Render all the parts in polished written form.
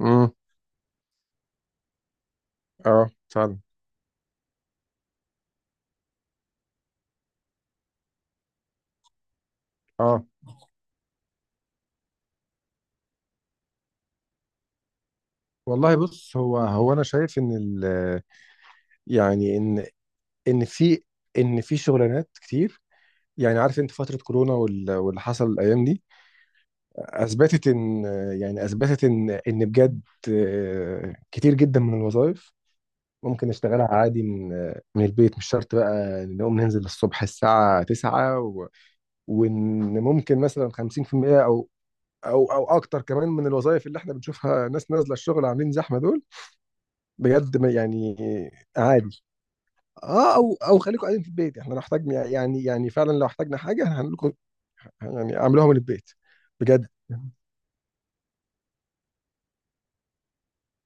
امم. اه، فعلا. اه، والله بص، هو انا شايف ان ال، يعني ان في في شغلانات كتير. يعني عارف انت، فترة كورونا واللي حصل الايام دي اثبتت ان، ان بجد كتير جدا من الوظائف ممكن نشتغلها عادي من البيت. مش شرط بقى نقوم ننزل الصبح الساعة 9 وان ممكن مثلا 50% او اكتر كمان من الوظائف اللي احنا بنشوفها ناس نازله الشغل عاملين زحمه دول بجد، يعني. عادي. اه، او او خليكم قاعدين في البيت، احنا لو احتاجنا، يعني، فعلا لو احتاجنا حاجه احنا هنعمل لكم. يعني اعملوها من البيت. بجد.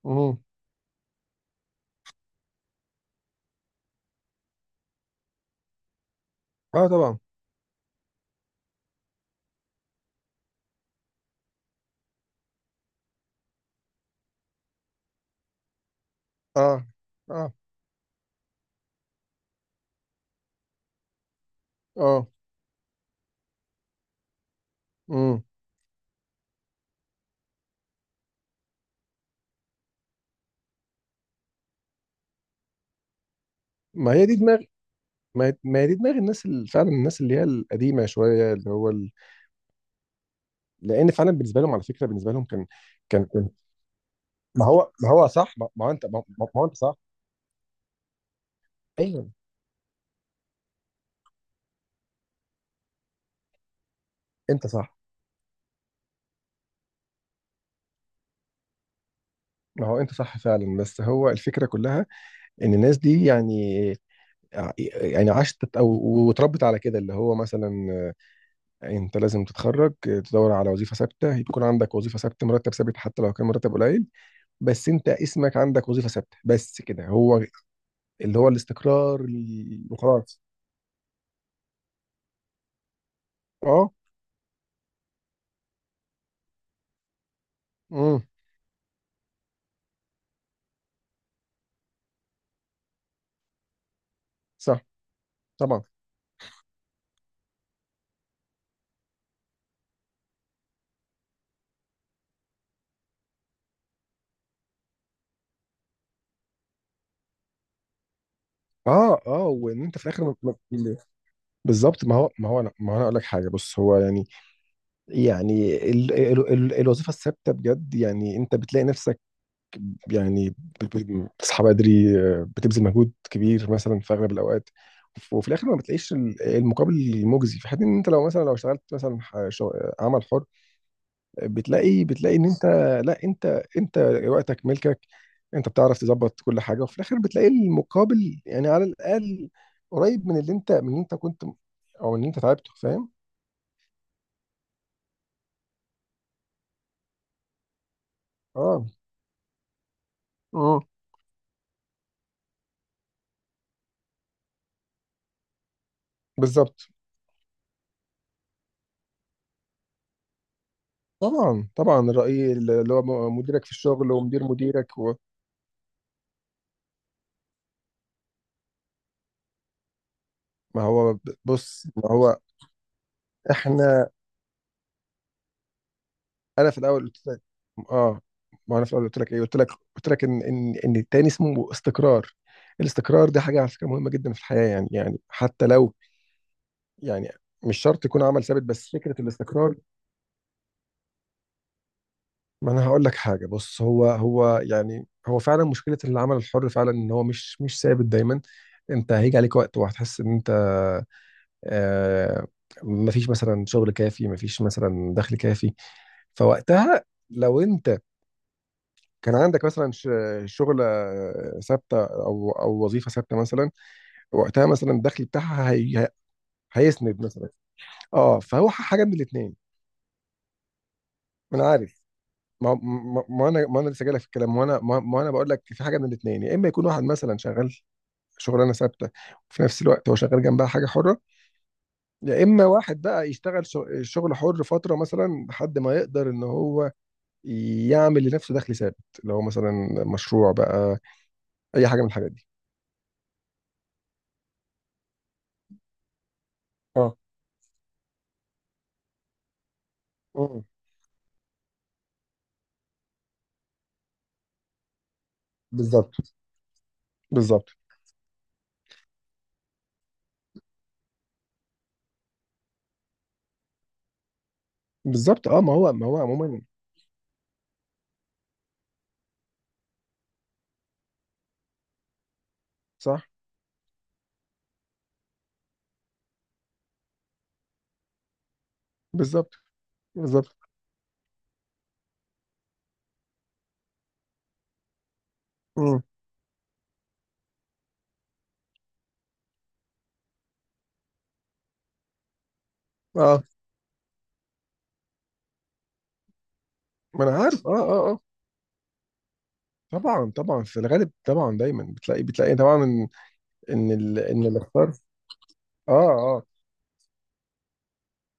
امم. اه طبعا. اه، اه، اه. امم. ما هي دي دماغ. ما هي دي دماغ الناس اللي فعلا، الناس اللي هي القديمه شويه، اللي هو لان فعلا بالنسبه لهم، على فكره، بالنسبه لهم كان، كان كان ما هو صح، ما, ما هو انت ما, ما ما هو انت صح. ايوه. انت صح. ما هو انت صح فعلا، بس هو الفكره كلها ان الناس دي، يعني، عشت تت- او واتربت على كده، اللي هو مثلا انت لازم تتخرج، تدور على وظيفه ثابته، يكون عندك وظيفه ثابته، مرتب ثابت حتى لو كان مرتب قليل، بس انت اسمك عندك وظيفه ثابته، بس كده هو، اللي هو الاستقرار وخلاص. اه. امم. صح. طبعا. اه، اه، وان انت في الاخر م- بالظبط. ما هو انا اقول لك حاجه، بص هو، يعني، يعني ال ال ال الوظيفه الثابته بجد يعني انت بتلاقي نفسك، يعني بتصحى بدري، بتبذل مجهود كبير مثلا في اغلب الاوقات، وفي الاخر ما بتلاقيش المقابل المجزي، في حين ان انت لو مثلا، لو اشتغلت مثلا عمل حر، بتلاقي ان انت، لا انت، انت وقتك ملكك، انت بتعرف تظبط كل حاجه، وفي الاخر بتلاقي المقابل، يعني على الاقل قريب من اللي انت، كنت او ان انت تعبته، فاهم. اه، اه، بالظبط. طبعا، طبعا الرأي اللي هو مديرك في الشغل ومدير مديرك. ما هو ب- بص، ما هو احنا انا في الاول قلت لك. اه، ما انا في الاول قلت لك ايه قلت لك قلت لك ان التاني اسمه استقرار. الاستقرار ده حاجه، على فكره، مهمه جدا في الحياه يعني، يعني حتى لو، يعني، مش شرط يكون عمل ثابت، بس فكره الاستقرار. ما انا هقول لك حاجه بص هو هو يعني هو فعلا مشكله العمل الحر فعلا ان هو مش ثابت دايما. انت هيجي عليك وقت وهتحس ان انت، آه مفيش مثلا شغل كافي، مفيش مثلا دخل كافي. فوقتها لو انت كان عندك مثلا شغلة ثابتة، أو وظيفة ثابتة مثلا، وقتها مثلا الدخل بتاعها هي هيسند مثلا. اه، فهو حاجة من الاتنين. ما أنا عارف. ما أنا لسه جايلك في الكلام، ما أنا ما ما أنا بقول لك في حاجة من الاتنين، يا إما يكون واحد مثلا شغال شغلانة ثابتة وفي نفس الوقت هو شغال جنبها حاجة حرة، يا إما واحد بقى يشتغل شغل حر فترة مثلا لحد ما يقدر إن هو يعمل لنفسه دخل ثابت، اللي هو مثلا مشروع بقى، أي حاجة من الحاجات دي. اه. مم. بالظبط. بالظبط. بالظبط. اه، ما هو، ما هو عموما صح. بالظبط. بالظبط. امم. اه، ما انا عارف. اه، اه، اه. طبعا، طبعا، في الغالب طبعا دايما بتلاقي، طبعا ان اللي اختار. اه، اه،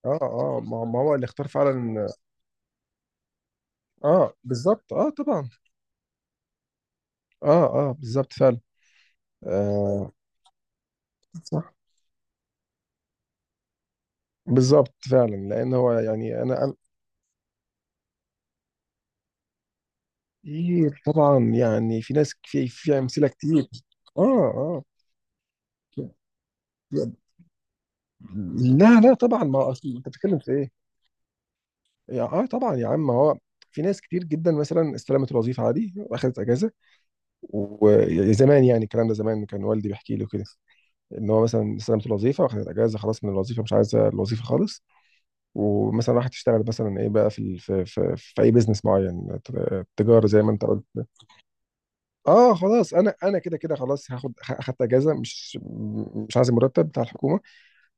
اه، اه، ما ما هو اللي اختار فعلا. اه، بالظبط، اه طبعا. اه، اه، بالظبط فعلا. آه. صح. بالظبط فعلا، لان هو، يعني، كتير طبعا، يعني في ناس، في في امثله كتير. اه، اه، لا، لا طبعا. ما هو اصل انت بتتكلم في ايه، يا اه طبعا يا عم. هو في ناس كتير جدا مثلا استلمت الوظيفه عادي واخدت اجازه، وزمان، يعني الكلام ده زمان، كان والدي بيحكي لي كده ان هو مثلا استلمت الوظيفه واخدت اجازه، خلاص من الوظيفه، مش عايزه الوظيفه خالص. ومثلا راحت تشتغل مثلا ايه بقى، في في في, في اي بيزنس معين، تجاره زي ما انت قلت. اه خلاص، انا انا كده كده خلاص هاخد، اخدت اجازه، مش عايز المرتب بتاع الحكومه.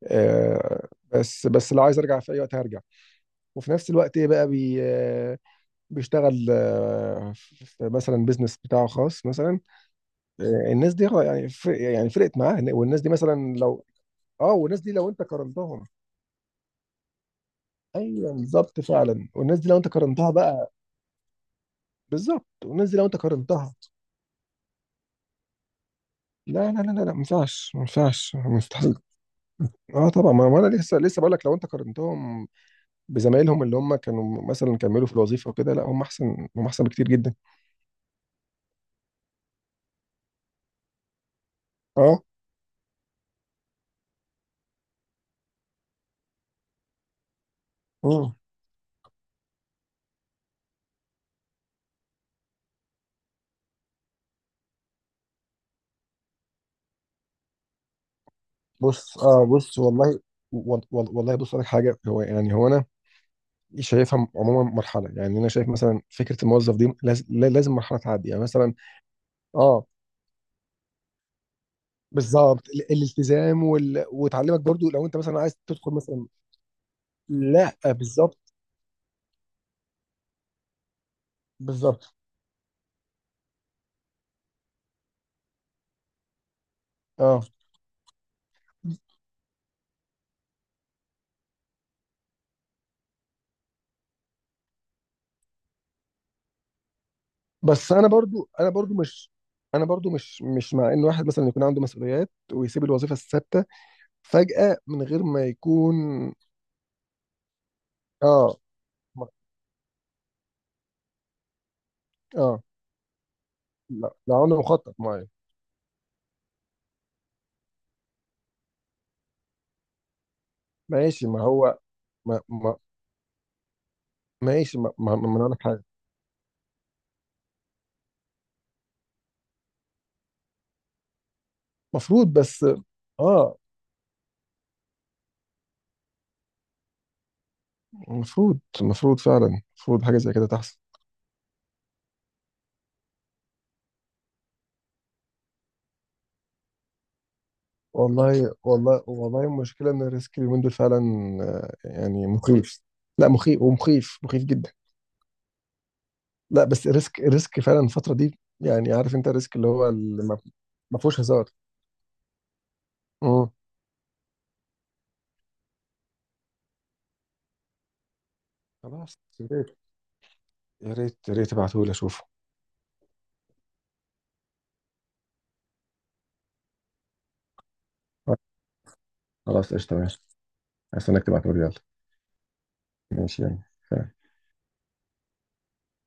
آه، بس لو عايز ارجع في اي وقت هرجع، وفي نفس الوقت ايه بقى بي، بيشتغل، في مثلا بيزنس بتاعه خاص مثلا. الناس دي، يعني، فرقت معاه. والناس دي مثلا لو، اه، والناس دي لو انت قارنتهم. ايوه، بالظبط فعلا، والناس دي لو انت قارنتها بقى، بالظبط، والناس دي لو انت قارنتها، لا ما ينفعش، مستحيل. اه طبعا، ما ما انا لسه لسه بقول لك، لو انت قارنتهم بزمايلهم اللي هم كانوا مثلا كملوا في الوظيفه وكده، لا هم احسن، هم احسن بكتير جدا. اه. امم. بص، اه، بص والله، والله بص لك حاجه، هو، يعني، هو انا شايفها عموما مرحله، يعني انا شايف مثلا فكره الموظف دي لازم مرحله تعدي يعني مثلا. اه، بالظبط، الالتزام وتعلمك برضو لو انت مثلا عايز تدخل مثلا. لا، بالظبط. بالظبط. اه. بس انا برضو، مش انا برضو مش، مش مع ان واحد مثلا يكون عنده مسؤوليات ويسيب الوظيفه الثابته فجاه من غير ما يكون. اه. ما- اه. لا، لا، عنده مخطط معين. ماشي، ما هو، ما ما ماشي، ما ما ما انا أقول لك حاجه. مفروض بس. اه، مفروض، مفروض فعلا، مفروض حاجة زي كده تحصل. والله، والله المشكلة، إن الريسك اليومين دول فعلا، يعني مخيف. لا مخيف، مخيف جدا. لا، بس الريسك، فعلا الفترة دي يعني عارف أنت، الريسك اللي هو، اللي ما، ما فيهوش هزار. امم. خلاص، يا ريت، يا ريت تبعتهولي اشوفه. خلاص، قشطة. ماشي. عايز انك تبعتولي، يلا. ماشي يعني. سلام.